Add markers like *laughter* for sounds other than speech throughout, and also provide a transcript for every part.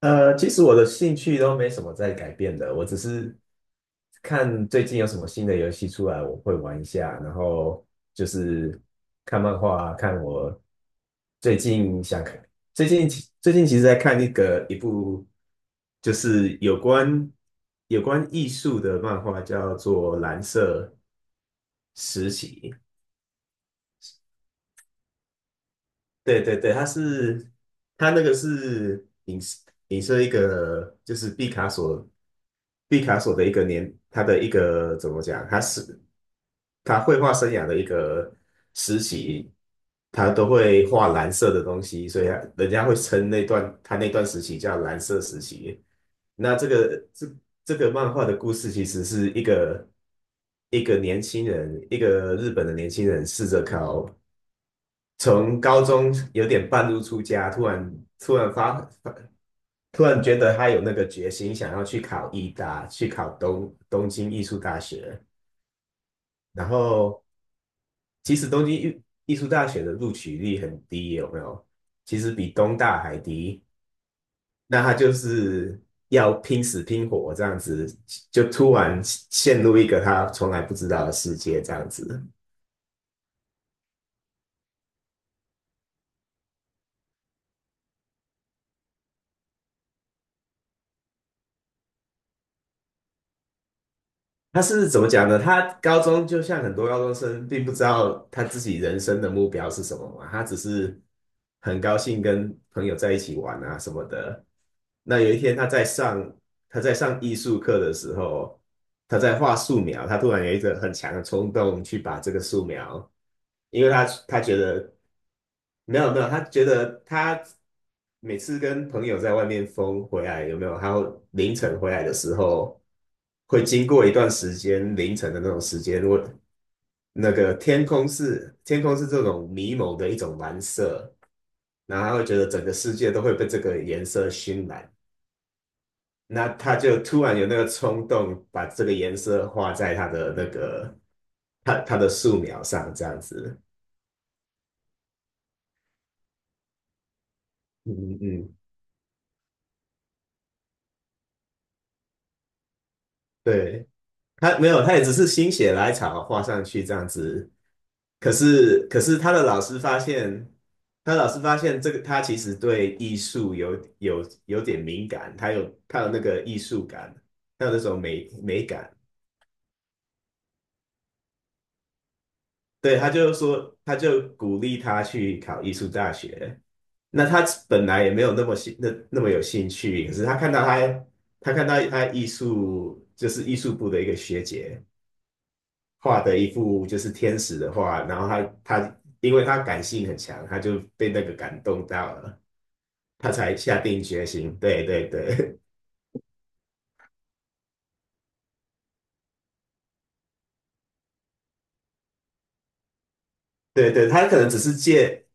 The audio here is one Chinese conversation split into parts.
其实我的兴趣都没什么在改变的，我只是看最近有什么新的游戏出来，我会玩一下，然后就是看漫画，看我最近想看，最近最近其实在看一部就是有关艺术的漫画，叫做《蓝色实习》，对对对，它那个是影射一个就是毕卡索。毕卡索的一个年，他的一个怎么讲，他绘画生涯的一个时期，他都会画蓝色的东西，所以他人家会称那段时期叫蓝色时期。那这个漫画的故事，其实是一个年轻人，一个日本的年轻人，试着考从高中有点半路出家，发突然觉得他有那个决心，想要去考艺大，去考东京艺术大学。然后，其实东京艺术大学的录取率很低，有没有？其实比东大还低。那他就是要拼死拼活这样子，就突然陷入一个他从来不知道的世界这样子。他是怎么讲呢？他高中就像很多高中生，并不知道他自己人生的目标是什么嘛，他只是很高兴跟朋友在一起玩啊什么的。那有一天他在上艺术课的时候，他在画素描，他突然有一个很强的冲动去把这个素描，因为他觉得没有没有，他觉得他每次跟朋友在外面疯回来，有没有？他会凌晨回来的时候，会经过一段时间凌晨的那种时间，如果那个天空是这种迷蒙的一种蓝色，然后他会觉得整个世界都会被这个颜色熏染，那他就突然有那个冲动，把这个颜色画在他的那个他他的素描上，这样子。嗯嗯，嗯对。他没有，他也只是心血来潮画上去这样子。可是他的老师发现这个他其实对艺术有点敏感，他有那个艺术感，他有那种美感。对，他就鼓励他去考艺术大学。那他本来也没有那么有兴趣，可是他看到他他看到他艺术就是艺术部的一个学姐，画的一幅就是天使的画，然后他因为他感性很强，他就被那个感动到了，他才下定决心。对对对 *laughs* 对对，他可能只是借，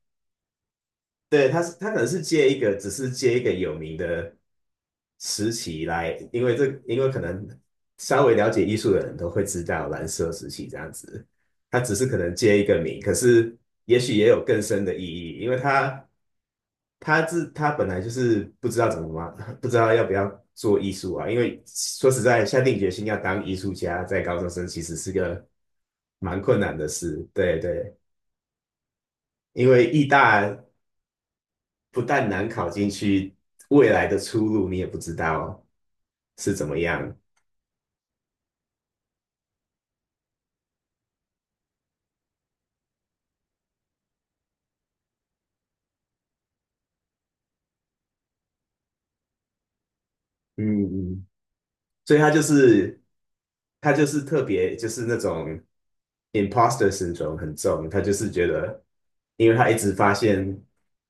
对他可能是借一个，只是借一个有名的时期来，因为可能稍微了解艺术的人都会知道蓝色时期这样子，他只是可能借一个名，可是也许也有更深的意义，因为他。他自他本来就是不知道怎么嘛，不知道要不要做艺术啊。因为说实在，下定决心要当艺术家，在高中生其实是个蛮困难的事。对对，因为艺大不但难考进去，未来的出路你也不知道是怎么样。嗯嗯，所以他就是特别就是那种 imposter syndrome 很重，他就是觉得，因为他一直发现，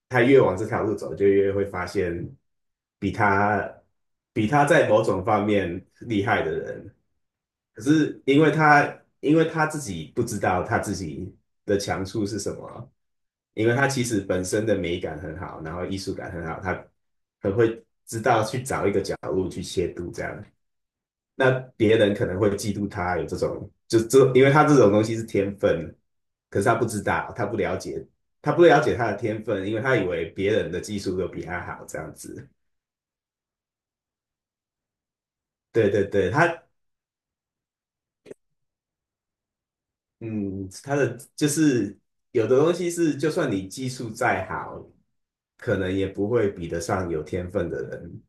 他越往这条路走，就越会发现比他比他在某种方面厉害的人。可是因为他自己不知道他自己的强处是什么，因为他其实本身的美感很好，然后艺术感很好，他很会知道去找一些度这样。那别人可能会嫉妒他有这种，因为他这种东西是天分，可是他不知道，他不了解他的天分，因为他以为别人的技术都比他好，这样子。对对对，他的就是有的东西是，就算你技术再好，可能也不会比得上有天分的人。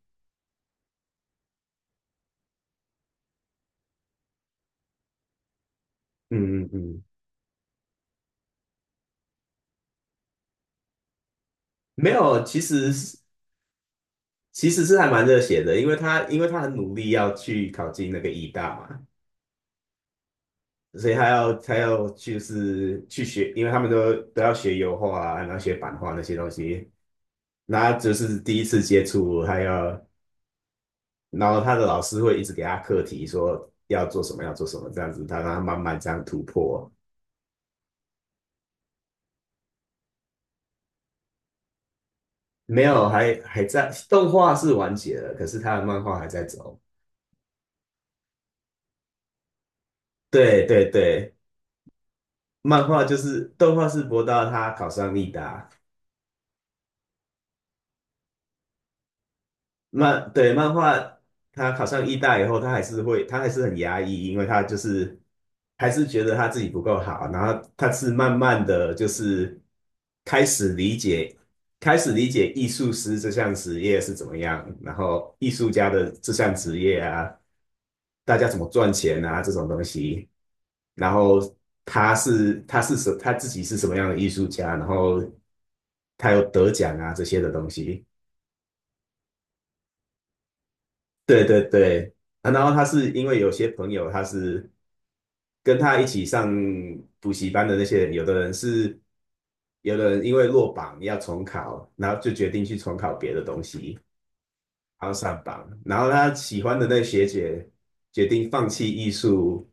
嗯嗯嗯，没有，其实是还蛮热血的，因为他很努力要去考进那个医大嘛。所以他要就是去学，因为他们都要学油画啊，然后学版画那些东西，那他就是第一次接触，然后他的老师会一直给他课题，说要做什么要做什么这样子，他让他慢慢这样突破。没有，还还在动画是完结了，可是他的漫画还在走。对对对，漫画就是动画是博到他考上立达。漫画，他考上艺大以后，他还是很压抑，因为他就是还是觉得他自己不够好，然后他是慢慢的就是开始理解，开始理解艺术师这项职业是怎么样，然后艺术家的这项职业啊，大家怎么赚钱啊这种东西，然后他自己是什么样的艺术家，然后他有得奖啊这些的东西。对对对，啊然后因为有些朋友跟他一起上补习班的那些人，有的人因为落榜要重考，然后就决定去重考别的东西，然后上榜，然后他喜欢的那个学姐决定放弃艺术，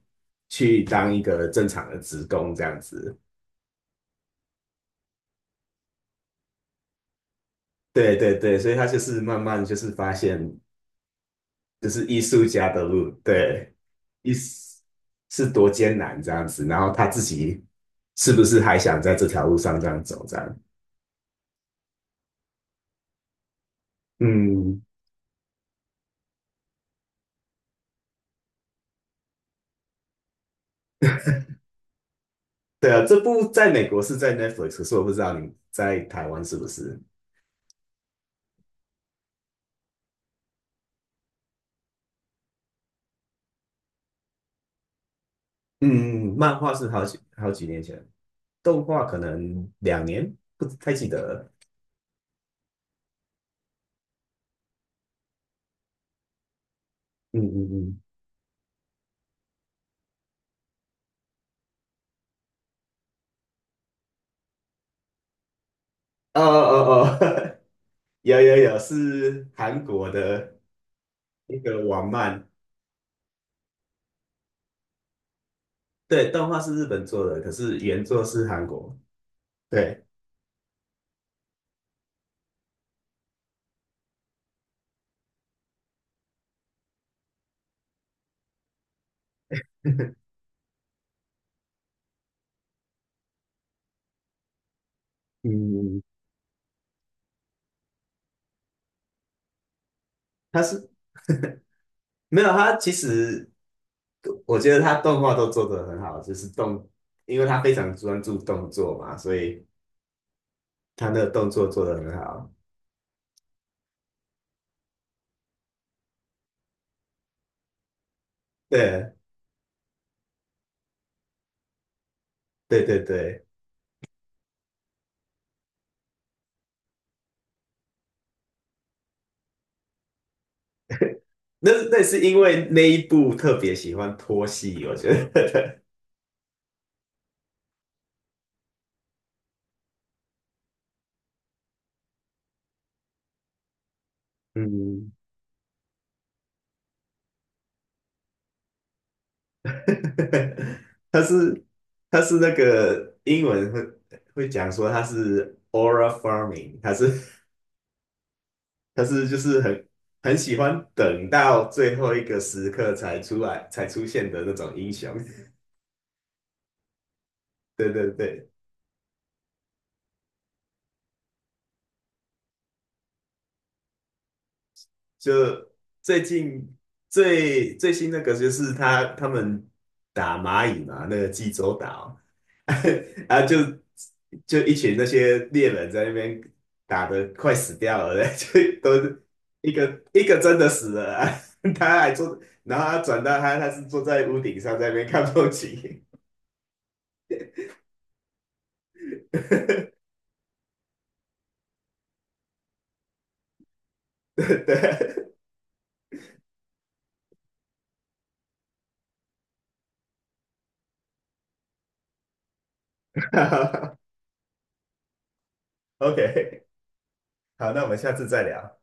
去当一个正常的职工这样子。对对对，所以他就是慢慢就是发现。就是艺术家的路，对，艺术是多艰难这样子，然后他自己是不是还想在这条路上这样走这样？嗯，对啊，这部在美国是在 Netflix,可是我不知道你在台湾是不是？嗯，漫画是好几年前，动画可能两年，不太记得了。嗯嗯嗯，哦哦哦，*laughs* 有有有，是韩国的一个网漫，对，动画是日本做的，可是原作是韩国。对，嗯，他是没有,其实我觉得他动画都做得很好，就是动，因为他非常专注动作嘛，所以他那个动作做得很好。对，对对对，那是因为那一部特别喜欢拖戏，我觉得，*laughs* 嗯，*laughs* 他是他是那个英文会讲说他是 aura farming,他是就是很喜欢等到最后一个时刻才出来才出现的那种英雄。*laughs* 对对对，就最近最最新那个就是他们打蚂蚁嘛，那个济州岛，*laughs* 啊就一群那些猎人在那边打的快死掉了，*laughs* 就都一个一个真的死了啊 *laughs* 他还坐，然后他转到他是坐在屋顶上在那边看风景。*laughs* *laughs* 对，OK,对 *laughs*，OK,好，那我们下次再聊。